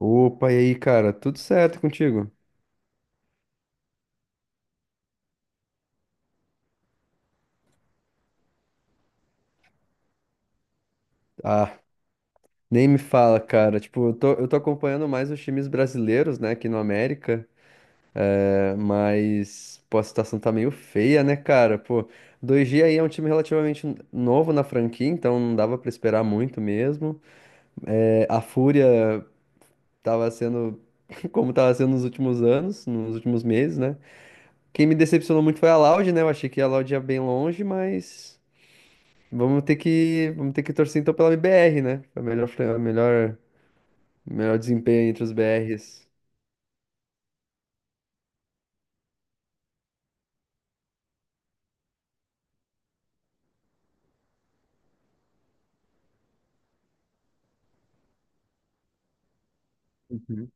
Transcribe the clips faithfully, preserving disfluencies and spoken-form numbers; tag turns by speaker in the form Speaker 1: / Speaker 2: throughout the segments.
Speaker 1: Opa, e aí, cara? Tudo certo contigo? Ah, nem me fala, cara. Tipo, eu tô, eu tô acompanhando mais os times brasileiros, né, aqui no América, é, mas, pô, a situação tá meio feia, né, cara? Pô, dois g aí é um time relativamente n- novo na franquia, então não dava pra esperar muito mesmo. É, a Fúria tava sendo como tava sendo nos últimos anos, nos últimos meses, né? Quem me decepcionou muito foi a Loud, né? Eu achei que a Loud ia bem longe, mas. Vamos ter que, vamos ter que torcer então pela B R, né? Pra melhor, fre- melhor, melhor desempenho entre os B Rs. Uhum.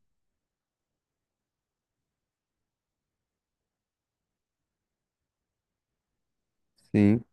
Speaker 1: Sim.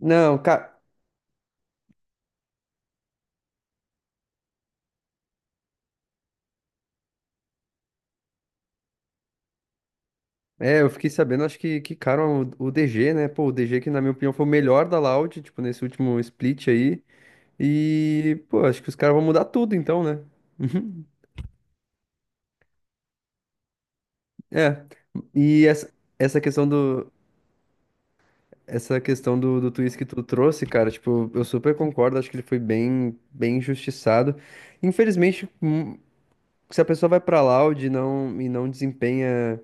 Speaker 1: Não, cara. É, eu fiquei sabendo, acho que, que cara, o, o D G, né? Pô, o D G que, na minha opinião, foi o melhor da Loud, tipo, nesse último split aí. E, pô, acho que os caras vão mudar tudo então, né? Uhum. É. E essa, essa questão do. Essa questão do, do twist que tu trouxe, cara, tipo, eu super concordo, acho que ele foi bem, bem injustiçado. Infelizmente, hum, se a pessoa vai pra Loud e não, e não desempenha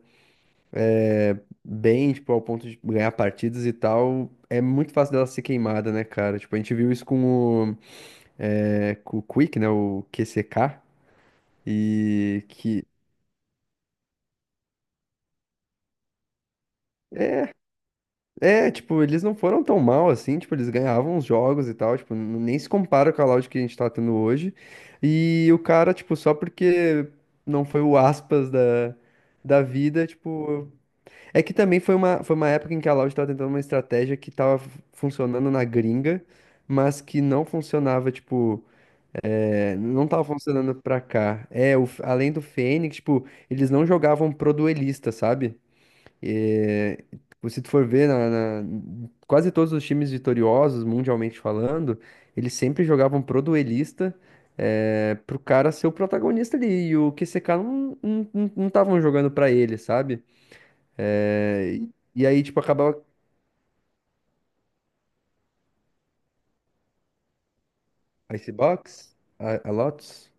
Speaker 1: bem, tipo, ao ponto de ganhar partidas e tal, é muito fácil dela ser queimada, né, cara? Tipo, a gente viu isso com o, é, com o Quick, né, o Q C K, e que... É, tipo, eles não foram tão mal assim, tipo, eles ganhavam os jogos e tal, tipo, n- nem se compara com a Loud que a gente tá tendo hoje. E o cara, tipo, só porque não foi o aspas da, da vida, tipo, é que também foi uma, foi uma época em que a Loud estava tentando uma estratégia que estava funcionando na gringa, mas que não funcionava, tipo, é, não estava funcionando pra cá. É, o- além do Fênix, tipo, eles não jogavam pro duelista, sabe? É, tipo, se tu for ver, na, na- quase todos os times vitoriosos, mundialmente falando, eles sempre jogavam pro duelista, é, pro cara ser o protagonista ali, e o Q C K não, não, não, não estavam jogando pra ele, sabe? É, e e aí, tipo, acabava. Icebox? A, a Lotus?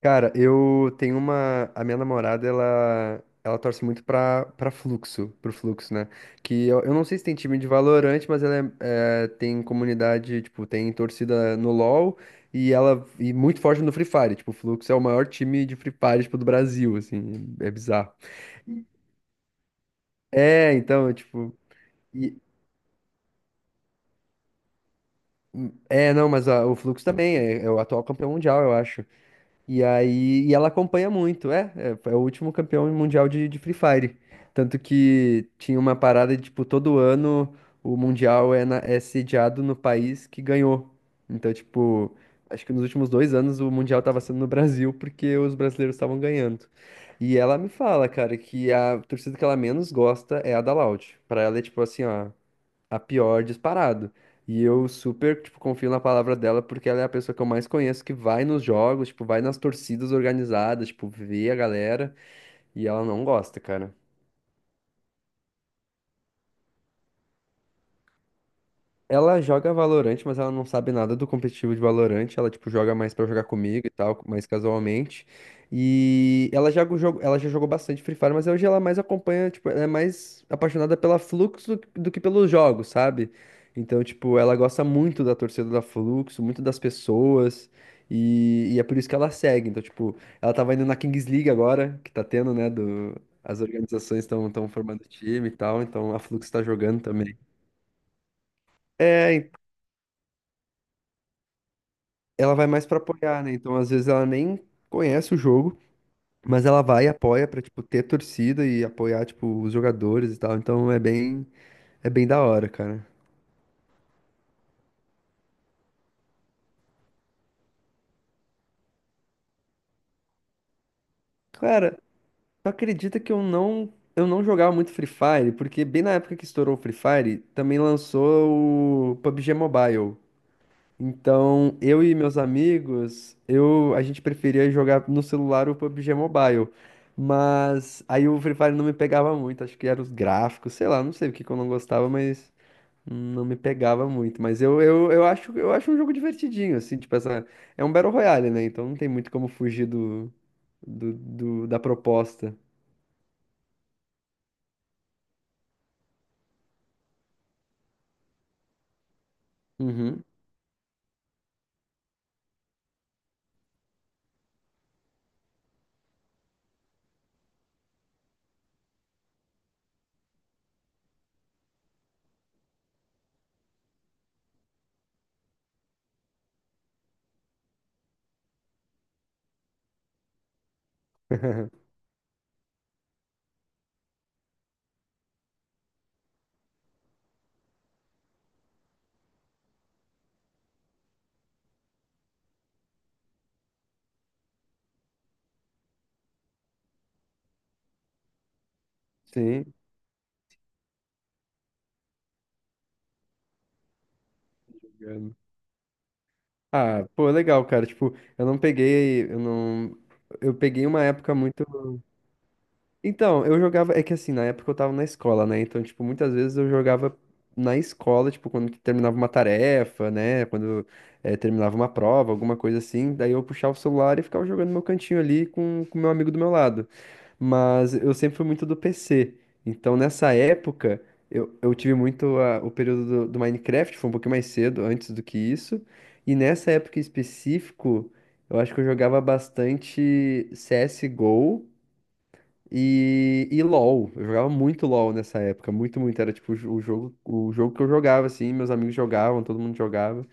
Speaker 1: Cara, eu tenho uma. A minha namorada, ela. Ela torce muito pra, pra Fluxo, pro Fluxo, né? Que eu, eu não sei se tem time de Valorant, mas ela é- é, tem comunidade, tipo, tem torcida no LoL e ela e muito forte no Free Fire. Tipo, o Fluxo é o maior time de Free Fire, tipo, do Brasil, assim, é bizarro. É, então, tipo. e- é, não, mas a- o Fluxo também é, é o atual campeão mundial, eu acho. E aí, e ela acompanha muito, é, é, é o último campeão mundial de, de Free Fire. Tanto que tinha uma parada de, tipo, todo ano o mundial é, na- é sediado no país que ganhou. Então, tipo, acho que nos últimos dois anos o mundial tava sendo no Brasil porque os brasileiros estavam ganhando. E ela me fala, cara, que a torcida que ela menos gosta é a da Loud. Pra ela é tipo assim, ó, a pior disparado. E eu super, tipo, confio na palavra dela porque ela é a pessoa que eu mais conheço que vai nos jogos, tipo, vai nas torcidas organizadas, tipo, vê a galera e ela não gosta, cara. Ela joga Valorant, mas ela não sabe nada do competitivo de Valorant. Ela, tipo, joga mais pra jogar comigo e tal, mais casualmente. E ela já, jogou, ela já jogou bastante Free Fire, mas hoje ela mais acompanha, tipo, ela é mais apaixonada pela Flux do, do que pelos jogos, sabe? Então, tipo, ela gosta muito da torcida da Flux, muito das pessoas. E, e é por isso que ela segue. Então, tipo, ela tava indo na Kings League agora, que tá tendo, né, do... As organizações estão formando time e tal, então a Flux tá jogando também. É, ela vai mais pra apoiar, né? Então, às vezes ela nem conhece o jogo, mas ela vai e apoia pra, tipo, ter torcida e apoiar, tipo, os jogadores e tal. Então, é bem, é bem da hora, cara. Cara, tu acredita que eu não, eu não jogava muito Free Fire? Porque bem na época que estourou o Free Fire, também lançou o pabg Mobile. Então, eu e meus amigos, eu, a gente preferia jogar no celular o pabg Mobile. Mas aí o Free Fire não me pegava muito, acho que eram os gráficos, sei lá, não sei o que que eu não gostava, mas não me pegava muito. Mas eu, eu, eu acho, eu acho um jogo divertidinho, assim, tipo, essa, é um Battle Royale, né? Então não tem muito como fugir do, do, do- da proposta. Uhum. Sim. Obrigado. Ah, pô, legal, cara. Tipo, eu não peguei, eu não, eu peguei uma época muito. Então, eu jogava. É que assim, na época eu tava na escola, né? Então, tipo, muitas vezes eu jogava na escola, tipo, quando terminava uma tarefa, né? Quando eh, terminava uma prova, alguma coisa assim. Daí eu puxava o celular e ficava jogando no meu cantinho ali com com o meu amigo do meu lado. Mas eu sempre fui muito do P C. Então, nessa época, eu, eu tive muito a- o período do, do Minecraft, foi um pouquinho mais cedo, antes do que isso. E nessa época em específico, eu acho que eu jogava bastante C S G O. E, e LoL, eu jogava muito LoL nessa época, muito, muito. Era tipo o jo- o jogo, o jogo que eu jogava, assim, meus amigos jogavam, todo mundo jogava.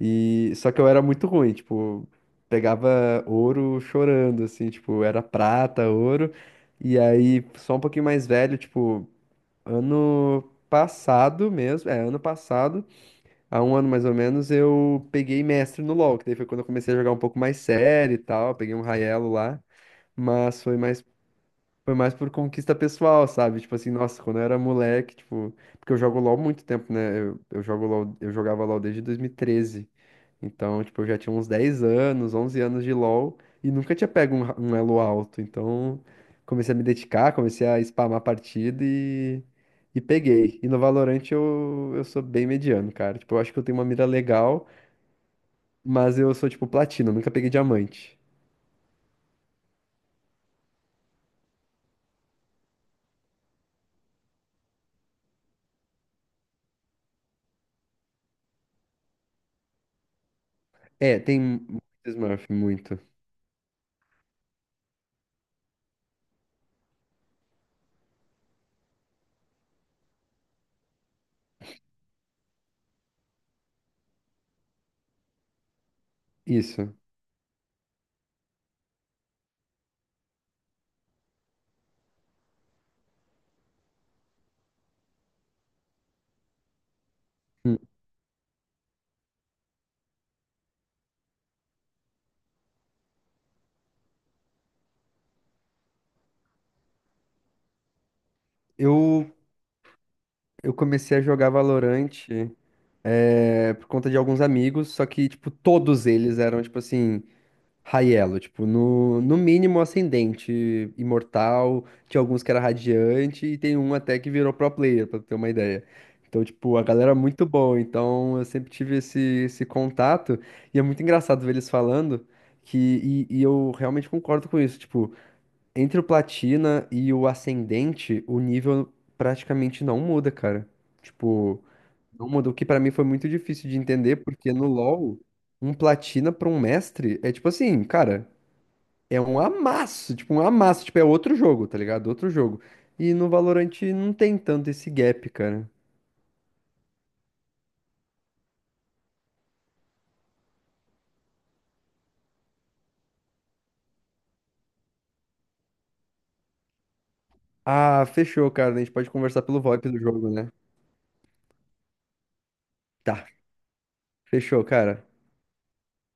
Speaker 1: E só que eu era muito ruim, tipo, pegava ouro chorando, assim, tipo, era prata, ouro. E aí, só um pouquinho mais velho, tipo, ano passado mesmo, é, ano passado, há um ano mais ou menos, eu peguei mestre no LoL, que daí foi quando eu comecei a jogar um pouco mais sério e tal, peguei um Raiello lá, mas foi mais foi mais por conquista pessoal, sabe? Tipo assim, nossa, quando eu era moleque, tipo. Porque eu jogo LOL há muito tempo, né? Eu, eu jogo LOL, eu jogava LOL desde dois mil e treze. Então, tipo, eu já tinha uns dez anos, onze anos de LOL e nunca tinha pego um, ra- um elo alto. Então, comecei a me dedicar, comecei a spamar a partida e, e peguei. E no Valorant eu, eu sou bem mediano, cara. Tipo, eu acho que eu tenho uma mira legal, mas eu sou, tipo, platina, nunca peguei diamante. É, tem muito Smurf, muito. Isso. Hum. Eu Eu comecei a jogar Valorant é, por conta de alguns amigos, só que, tipo, todos eles eram, tipo assim, high elo, tipo, no, no mínimo ascendente, imortal, tinha alguns que era radiante e tem um até que virou pro player, pra ter uma ideia. Então, tipo, a galera é muito boa, então eu sempre tive esse, esse contato e é muito engraçado ver eles falando que, e, e eu realmente concordo com isso, tipo, entre o Platina e o Ascendente, o nível praticamente não muda, cara. Tipo, não muda. O que pra mim foi muito difícil de entender, porque no LoL, um Platina pra um mestre é tipo assim, cara, é um amasso. Tipo, um amasso. Tipo, é outro jogo, tá ligado? Outro jogo. E no Valorant não tem tanto esse gap, cara. Ah, fechou, cara. A gente pode conversar pelo VoIP do jogo, né? Tá, fechou, cara.